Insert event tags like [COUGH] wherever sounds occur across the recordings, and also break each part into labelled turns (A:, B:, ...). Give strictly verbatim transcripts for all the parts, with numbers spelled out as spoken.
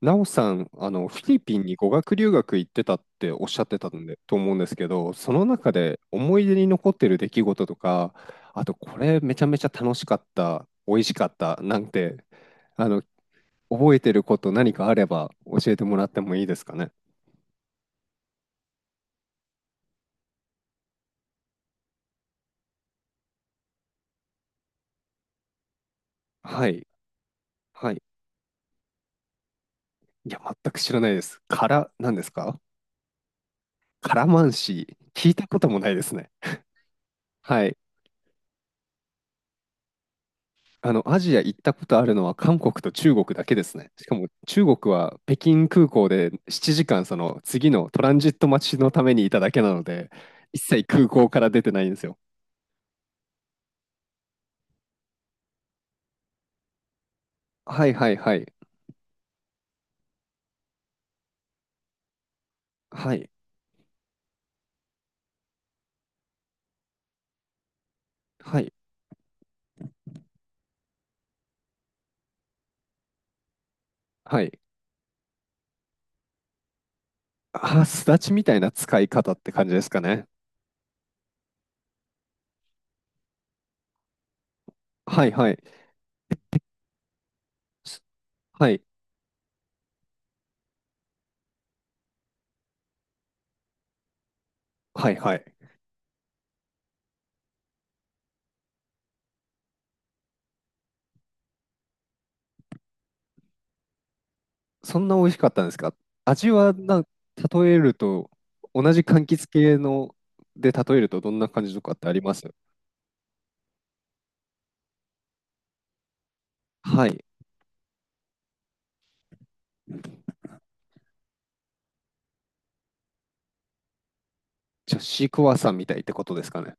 A: なおさん、あの、フィリピンに語学留学行ってたっておっしゃってたんで、と思うんですけど、その中で思い出に残ってる出来事とか、あと、これめちゃめちゃ楽しかった、美味しかった、なんて、あの、覚えてること何かあれば教えてもらってもいいですかね。はい、はい。いや、全く知らないですから、何ですかカラマンシー？聞いたこともないですね。はい。あの、アジア行ったことあるのは韓国と中国だけですね。しかも中国は北京空港でしちじかんその次のトランジット待ちのためにいただけなので、一切空港から出てないんですよ。はいはいはい。はい。はい。はい。あ、すだちみたいな使い方って感じですかね。はいはい。すはい。はいはい。そんな美味しかったんですか？味はな、例えると、同じ柑橘系ので例えるとどんな感じとかってあります？はい。じゃあ、シークワーサーみたいってことですかね。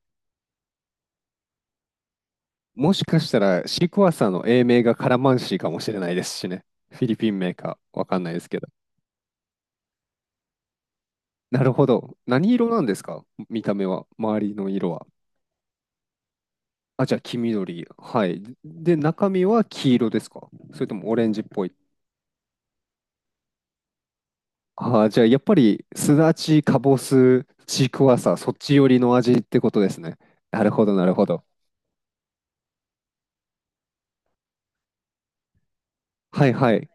A: もしかしたら、シークワーサーの英名がカラマンシーかもしれないですしね。フィリピンメーカー、わかんないですけど。なるほど。何色なんですか？見た目は、周りの色は。あ、じゃあ、黄緑。はい。で、中身は黄色ですか？それともオレンジっぽい。ああ、じゃあ、やっぱり、すだち、かぼす、シークワーサー、そっち寄りの味ってことですね。なるほど、なるほど。はいはい。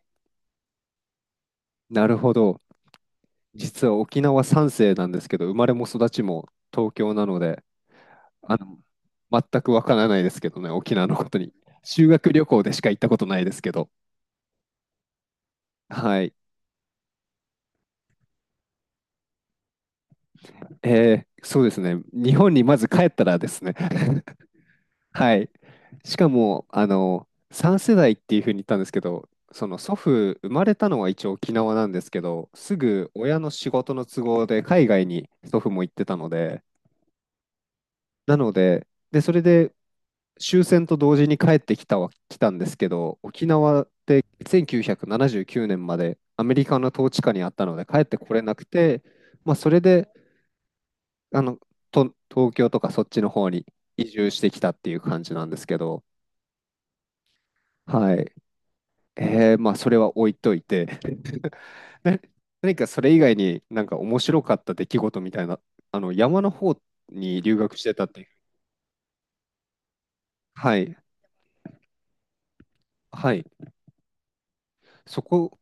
A: なるほど。実は沖縄三世なんですけど、生まれも育ちも東京なので、あの、全くわからないですけどね、沖縄のことに。修学旅行でしか行ったことないですけど。はい。えーそうですね。日本にまず帰ったらですね。[LAUGHS] はい。しかも、あの、さん世代っていうふうに言ったんですけど、その祖父、生まれたのは一応沖縄なんですけど、すぐ親の仕事の都合で海外に祖父も行ってたので、なので、で、それで終戦と同時に帰ってきたは来たんですけど、沖縄ってせんきゅうひゃくななじゅうきゅうねんまでアメリカの統治下にあったので帰ってこれなくて、まあ、それであのと東京とかそっちの方に移住してきたっていう感じなんですけど、はい。えー、まあそれは置いといて [LAUGHS] な何かそれ以外になんか面白かった出来事みたいな、あの山の方に留学してたっていう。はい。はい。そこ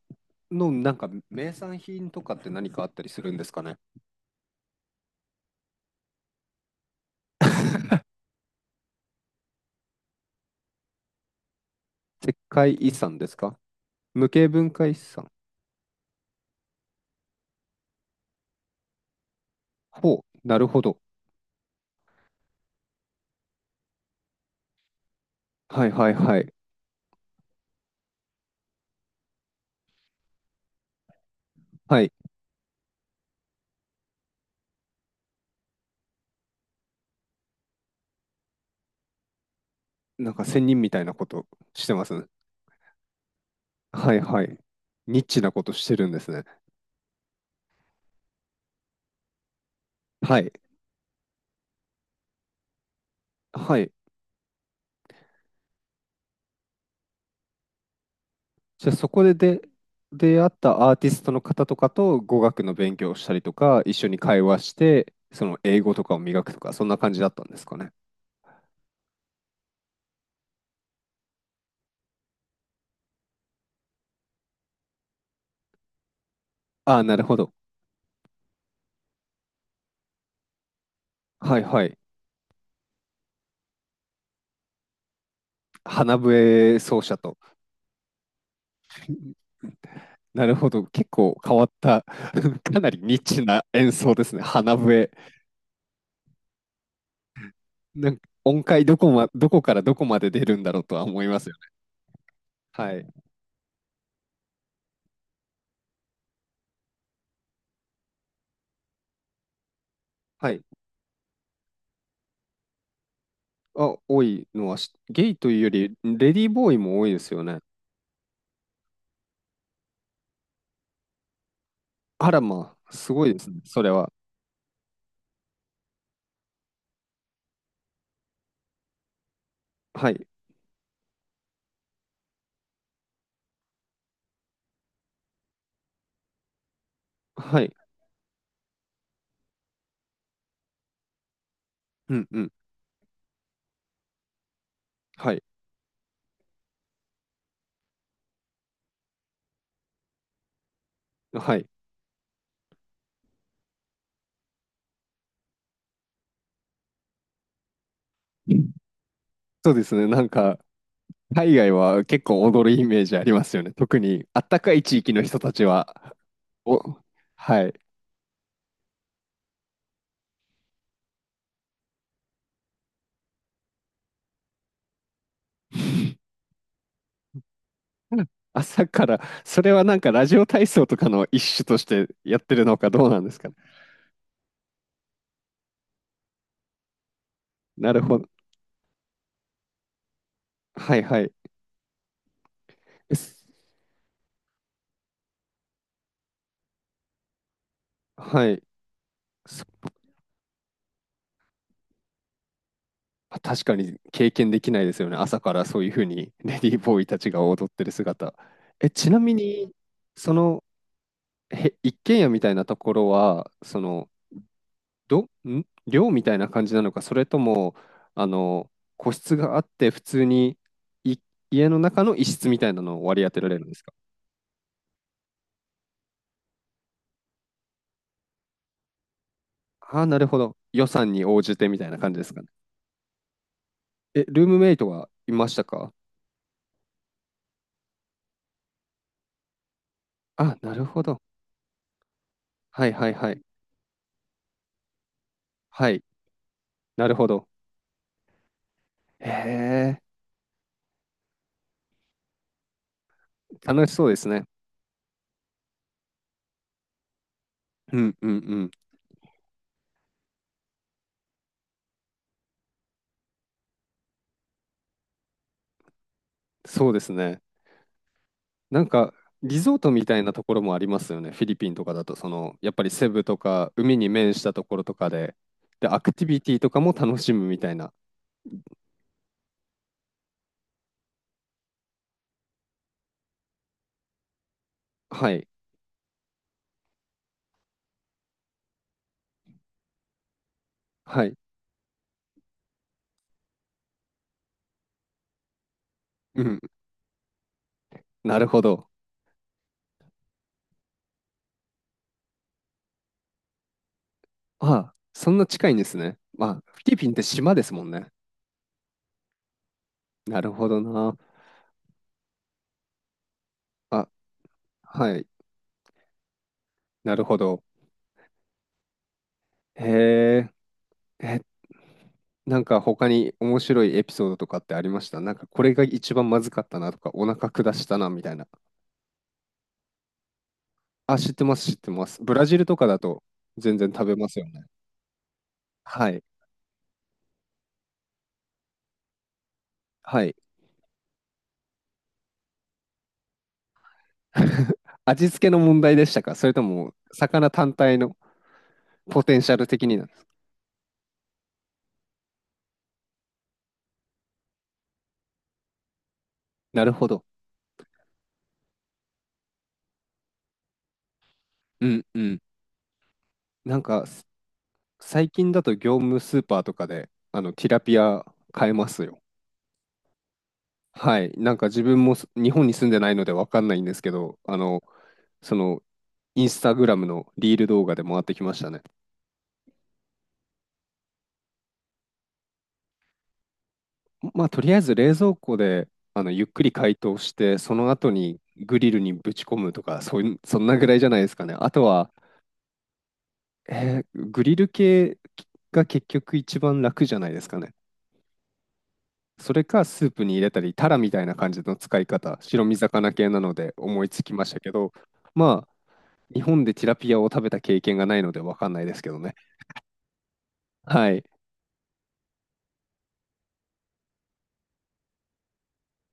A: のなんか名産品とかって何かあったりするんですかね？石灰遺産ですか？無形文化遺産？ほう、なるほど。はいはいはい。はい。なんか仙人みたいなことしてますね。はいはい。ニッチなことしてるんですね。はい。はい。じゃあそこでで出会ったアーティストの方とかと語学の勉強をしたりとか、一緒に会話して、その英語とかを磨くとか、そんな感じだったんですかね。ああ、なるほど。はいはい。花笛奏者と。なるほど。結構変わった、[LAUGHS] かなりニッチな演奏ですね。花笛。なんか音階どこま、どこからどこまで出るんだろうとは思いますよね。はい。はい。あ、多いのはし、ゲイというより、レディーボーイも多いですよね。あらまあ、すごいですね。それは。はい。はい。うんうん。はい。はい。そうですね。なんか、海外は結構踊るイメージありますよね。特に、あったかい地域の人たちは。お、はい。[LAUGHS] 朝から、それはなんかラジオ体操とかの一種としてやってるのかどうなんですかね。なるほど。はいはい。えすはい。そ確かに経験できないですよね。朝からそういうふうに [LAUGHS] レディーボーイたちが踊ってる姿。え、ちなみに、その、へ、一軒家みたいなところは、その、ど、ん、寮みたいな感じなのか、それとも、あの、個室があって、普通にい家の中の一室みたいなのを割り当てられるんですか？ああ、なるほど。予算に応じてみたいな感じですかね。え、ルームメイトはいましたか？あ、なるほど。はいはいはい。はい、なるほど。へえ、楽しそうですね。うんうんうん。そうですね。なんか、リゾートみたいなところもありますよね。フィリピンとかだと、その、やっぱりセブとか、海に面したところとかで、で、アクティビティとかも楽しむみたいな。はい、はい。うん、なるほど。ああ、そんな近いんですね。まあ、フィリピンって島ですもんね。なるほどな。あ、はい。なるほど。へえ。え、なんか他に面白いエピソードとかってありました？なんかこれが一番まずかったなとか、お腹下したなみたいな。あ、知ってます、知ってます。ブラジルとかだと全然食べますよね。はい。はい。[LAUGHS] 味付けの問題でしたか？それとも、魚単体のポテンシャル的になんです。なるほど。うんうん。なんか、す最近だと業務スーパーとかで、あの、ティラピア買えますよ。はい、なんか自分もす日本に住んでないのでわかんないんですけど、あの、その、インスタグラムのリール動画で回ってきましたね。ままあ、とりあえず冷蔵庫であのゆっくり解凍して、その後にグリルにぶち込むとか、そういう、そんなぐらいじゃないですかね。あとは、えーグリル系が結局一番楽じゃないですかね。それかスープに入れたり、タラみたいな感じの使い方、白身魚系なので思いつきましたけど、ま日本でティラピアを食べた経験がないのでわかんないですけどね。はい。